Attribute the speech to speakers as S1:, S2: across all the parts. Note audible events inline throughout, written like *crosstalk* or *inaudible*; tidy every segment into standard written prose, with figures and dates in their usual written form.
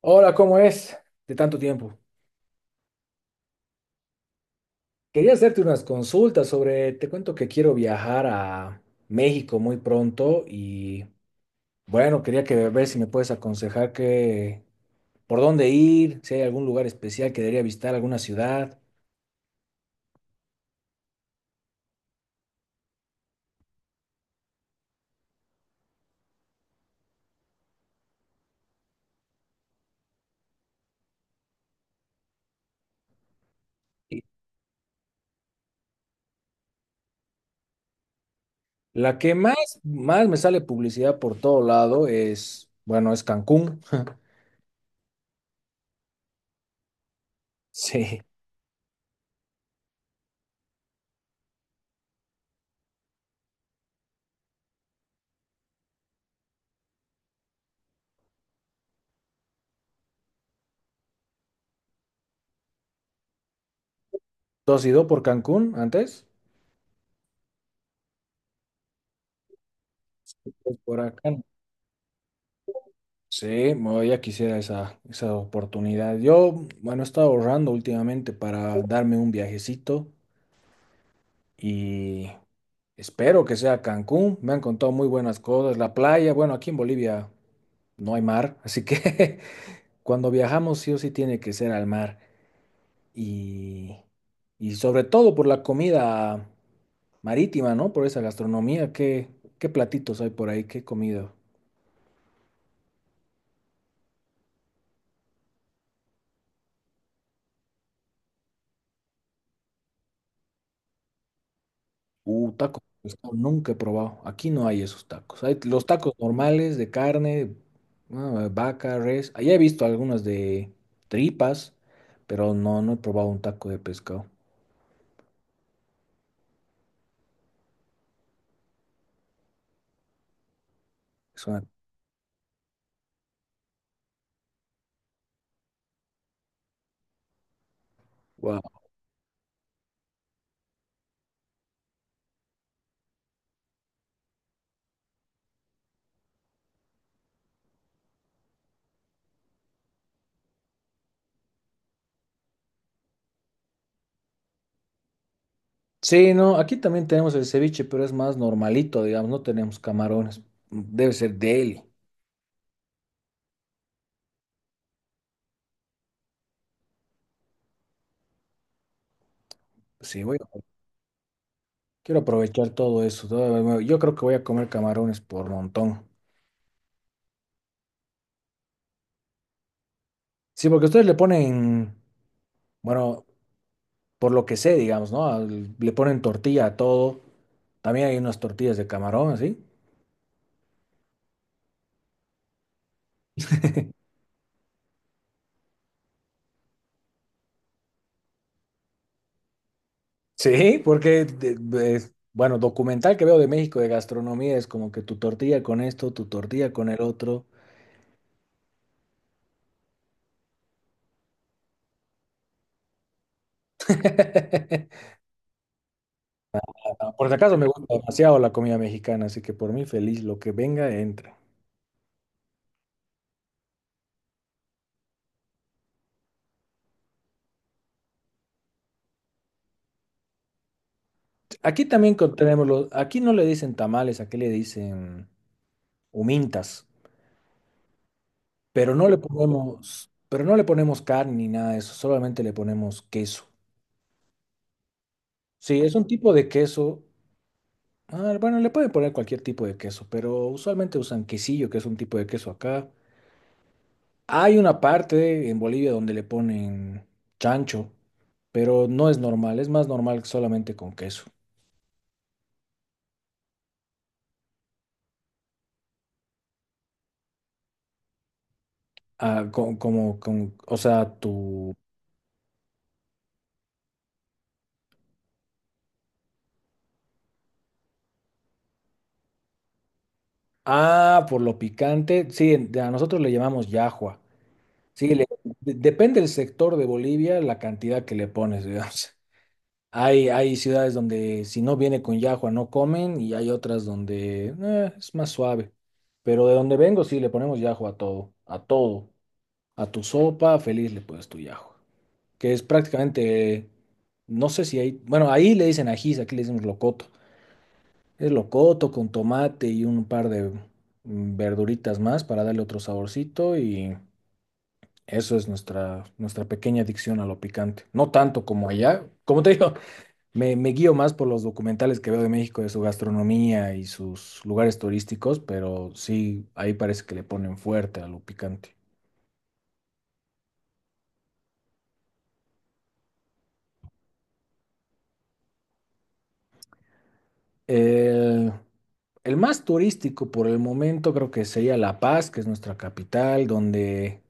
S1: Hola, ¿cómo es? De tanto tiempo. Quería hacerte unas consultas sobre, te cuento que quiero viajar a México muy pronto y bueno, quería que ver si me puedes aconsejar que por dónde ir, si hay algún lugar especial que debería visitar, alguna ciudad. Y La que más me sale publicidad por todo lado es, bueno, es Cancún. *laughs* Sí. ¿Tú has ido por Cancún antes? Pues por acá. Sí, bueno, ya quisiera esa oportunidad. Yo, bueno, he estado ahorrando últimamente para darme un viajecito y espero que sea Cancún. Me han contado muy buenas cosas. La playa, bueno, aquí en Bolivia no hay mar, así que *laughs* cuando viajamos sí o sí tiene que ser al mar. Y, y sobre todo por la comida marítima, ¿no? Por esa gastronomía. ¿Qué platitos hay por ahí? ¿Qué comida? Tacos de pescado, nunca he probado. Aquí no hay esos tacos. Hay los tacos normales de carne, ah, vaca, res. Allá he visto algunas de tripas, pero no he probado un taco de pescado. Es una- Wow. Sí, no, aquí también tenemos el ceviche, pero es más normalito, digamos, no tenemos camarones. Debe ser deli. Sí, voy a- quiero aprovechar todo eso. Yo creo que voy a comer camarones por montón. Sí, porque ustedes le ponen, bueno, por lo que sé, digamos, ¿no? Le ponen tortilla a todo. También hay unas tortillas de camarón, ¿sí? Sí, porque, bueno, documental que veo de México de gastronomía es como que tu tortilla con esto, tu tortilla con el otro. *laughs* Por si acaso me gusta demasiado la comida mexicana, así que por mí feliz, lo que venga, entra. Aquí también tenemos los, aquí no le dicen tamales, aquí le dicen humintas, pero no le ponemos carne ni nada de eso, solamente le ponemos queso. Sí, es un tipo de queso. Ah, bueno, le pueden poner cualquier tipo de queso, pero usualmente usan quesillo, que es un tipo de queso acá. Hay una parte en Bolivia donde le ponen chancho, pero no es normal, es más normal solamente con queso. O sea, tu... Ah, por lo picante. Sí, a nosotros le llamamos yahua. Sí, depende del sector de Bolivia, la cantidad que le pones, *laughs* digamos. Hay ciudades donde si no viene con llajua no comen y hay otras donde es más suave. Pero de donde vengo sí le ponemos llajua a todo, a todo. A tu sopa, feliz le pones tu llajua. Que es prácticamente, no sé si hay, bueno, ahí le dicen ajís, aquí le decimos locoto. Es locoto con tomate y un par de verduritas más para darle otro saborcito y eso es nuestra pequeña adicción a lo picante. No tanto como allá, como te digo. Me guío más por los documentales que veo de México, de su gastronomía y sus lugares turísticos, pero sí, ahí parece que le ponen fuerte a lo picante. El, el más turístico por el momento creo que sería La Paz, que es nuestra capital, donde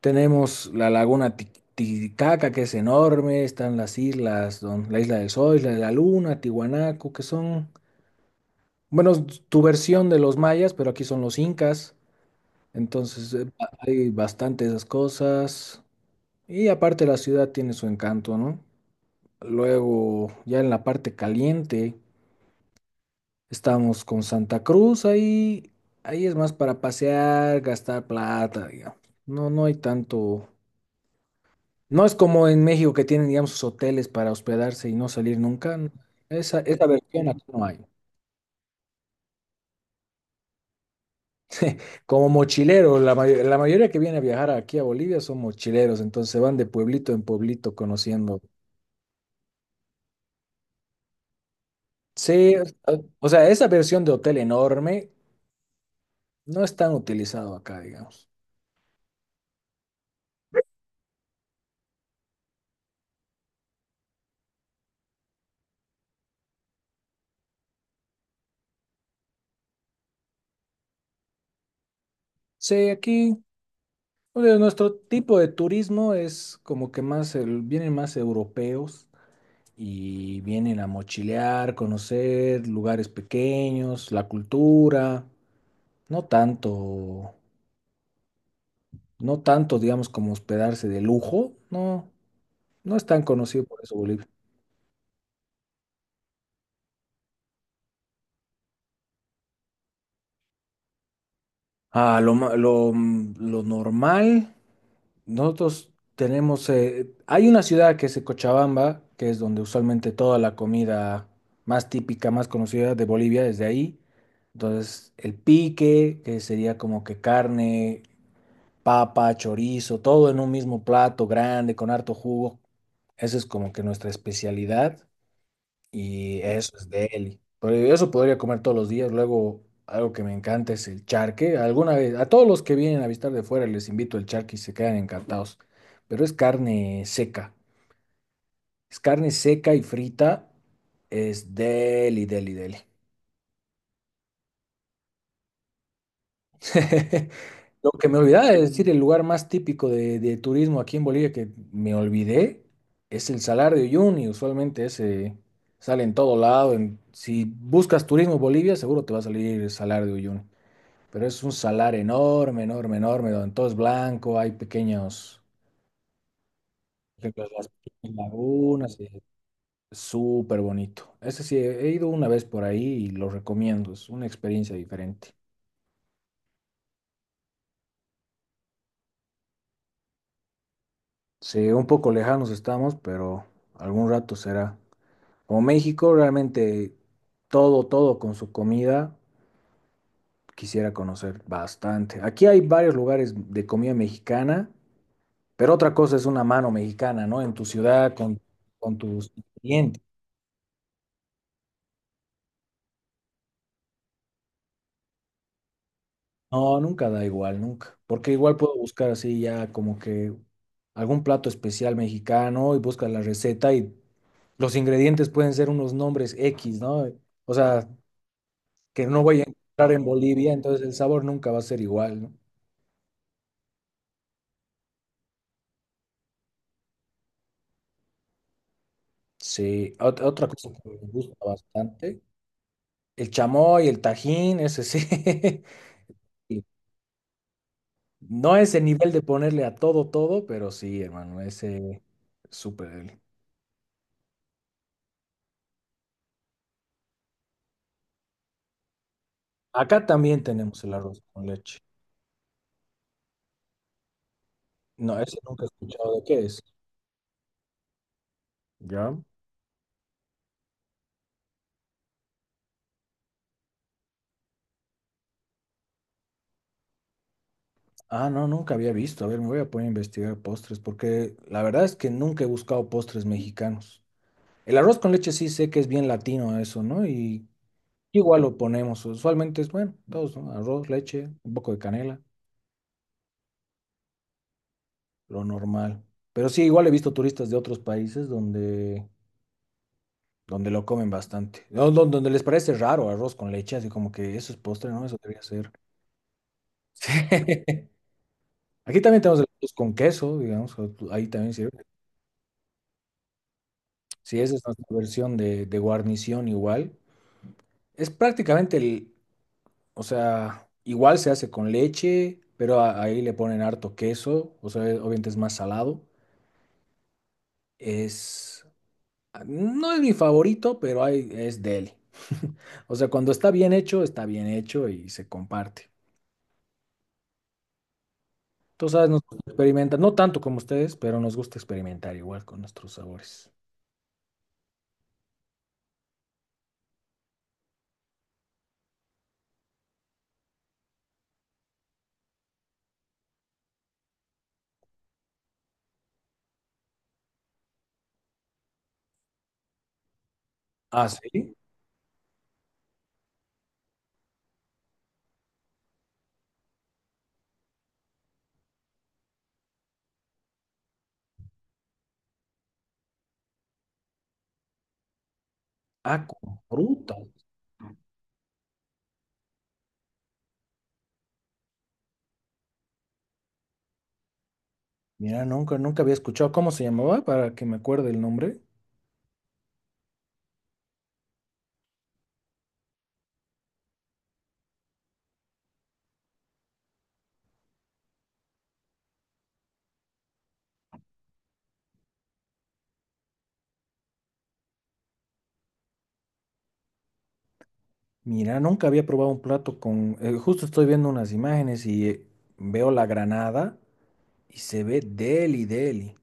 S1: tenemos la laguna Titicaca, que es enorme, están las islas, la Isla del Sol, Isla de la Luna, Tiwanaku, que son, bueno, tu versión de los mayas, pero aquí son los incas. Entonces, hay bastante esas cosas. Y aparte la ciudad tiene su encanto, ¿no? Luego, ya en la parte caliente, estamos con Santa Cruz. Ahí es más para pasear, gastar plata, digamos. No, no hay tanto. No es como en México que tienen, digamos, sus hoteles para hospedarse y no salir nunca. No, esa versión aquí no hay. Como mochilero, la mayoría que viene a viajar aquí a Bolivia son mochileros, entonces se van de pueblito en pueblito conociendo. Sí, o sea, esa versión de hotel enorme no es tan utilizado acá, digamos. Sí, aquí o sea, nuestro tipo de turismo es como que más, vienen más europeos y vienen a mochilear, conocer lugares pequeños, la cultura, no tanto, no tanto, digamos, como hospedarse de lujo, no, no es tan conocido por eso Bolivia. Ah, lo, ma- lo, mm, lo normal. Nosotros tenemos, hay una ciudad que es Cochabamba, que es donde usualmente toda la comida más típica, más conocida de Bolivia es de ahí. Entonces, el pique, que sería como que carne, papa, chorizo, todo en un mismo plato grande, con harto jugo. Esa es como que nuestra especialidad y eso es de él. Pero eso podría comer todos los días. Luego, algo que me encanta es el charque. Alguna vez, a todos los que vienen a visitar de fuera les invito el charque y se quedan encantados. Pero es carne seca. Es carne seca y frita. Es deli, deli, deli. *laughs* Lo que me olvidaba de decir, el lugar más típico de turismo aquí en Bolivia que me olvidé es el Salar de Uyuni. Usualmente ese sale en todo lado. Si buscas turismo en Bolivia, seguro te va a salir el Salar de Uyuni. Pero es un salar enorme, enorme, enorme, donde todo es blanco, hay pequeños, por ejemplo, las pequeñas lagunas, y es súper bonito. Ese sí, he ido una vez por ahí y lo recomiendo, es una experiencia diferente. Sí, un poco lejanos estamos, pero algún rato será. Como México, realmente todo, todo con su comida, quisiera conocer bastante. Aquí hay varios lugares de comida mexicana, pero otra cosa es una mano mexicana, ¿no? En tu ciudad, con tus clientes. No, nunca da igual, nunca. Porque igual puedo buscar así ya como que algún plato especial mexicano y buscas la receta y los ingredientes pueden ser unos nombres X, ¿no? O sea, que no voy a encontrar en Bolivia, entonces el sabor nunca va a ser igual, ¿no? Sí, otra cosa que me gusta bastante, el chamoy, el tajín, ese sí. *laughs* Y No ese nivel de ponerle a todo, todo, pero sí, hermano, ese es súper. Deli. Acá también tenemos el arroz con leche. No, ese nunca he escuchado de qué es. ¿Ya? Ah, no, nunca había visto. A ver, me voy a poner a investigar postres, porque la verdad es que nunca he buscado postres mexicanos. El arroz con leche sí sé que es bien latino eso, ¿no? Y igual lo ponemos, usualmente es bueno, todos, ¿no? Arroz, leche, un poco de canela, lo normal. Pero sí, igual he visto turistas de otros países donde lo comen bastante. No, don- Donde les parece raro arroz con leche, así como que eso es postre, ¿no? Eso debería ser. *laughs* Sí. Aquí también tenemos el arroz con queso, digamos, ahí también sirve. Sí, esa es nuestra versión de guarnición igual. Es prácticamente o sea, igual se hace con leche, pero ahí le ponen harto queso, o sea, obviamente es más salado. Es, no es mi favorito, pero hay, es de él. *laughs* O sea, cuando está bien hecho y se comparte. Tú sabes, nos gusta experimentar, no tanto como ustedes, pero nos gusta experimentar igual con nuestros sabores. Ah, sí. Ah, con fruta. Mira, nunca, nunca había escuchado cómo se llamaba para que me acuerde el nombre. Mira, nunca había probado un plato con. Justo estoy viendo unas imágenes y veo la granada y se ve deli, deli.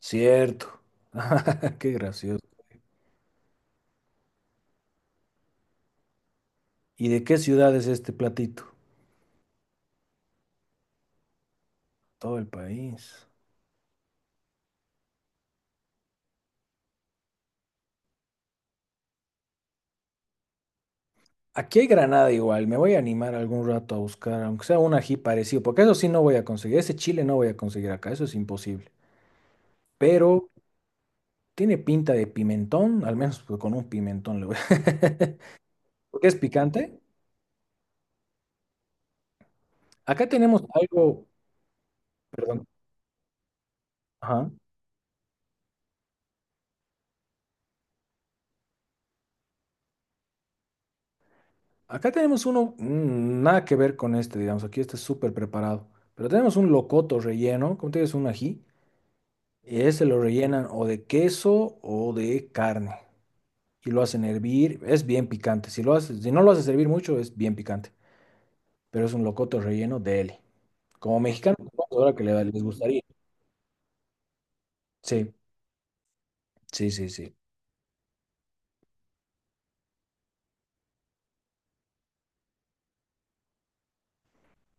S1: Cierto. *laughs* Qué gracioso. ¿Y de qué ciudad es este platito? Todo el país. Aquí hay Granada igual, me voy a animar algún rato a buscar, aunque sea un ají parecido, porque eso sí no voy a conseguir, ese chile no voy a conseguir acá, eso es imposible. Pero tiene pinta de pimentón, al menos pues, con un pimentón le voy a... *laughs* Porque es picante. Acá tenemos algo, perdón, ajá. Acá tenemos uno, nada que ver con este, digamos, aquí este es súper preparado, pero tenemos un locoto relleno, como te digo, es un ají. Y ese lo rellenan o de queso o de carne. Y lo hacen hervir. Es bien picante. Si no lo haces hervir mucho, es bien picante. Pero es un locoto relleno de Eli. Como mexicano, supongo ahora que les gustaría. Sí, sí, sí, sí.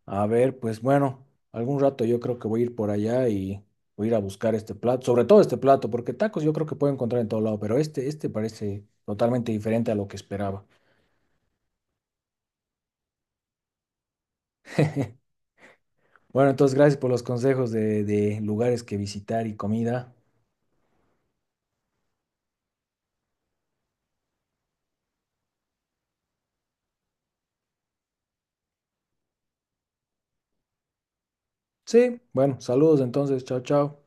S1: A ver, pues bueno, algún rato yo creo que voy a ir por allá y voy a ir a buscar este plato. Sobre todo este plato, porque tacos yo creo que puedo encontrar en todo lado. Pero este parece totalmente diferente a lo que esperaba. *laughs* Bueno, entonces gracias por los consejos de lugares que visitar y comida. Sí, bueno, saludos entonces, chao, chao.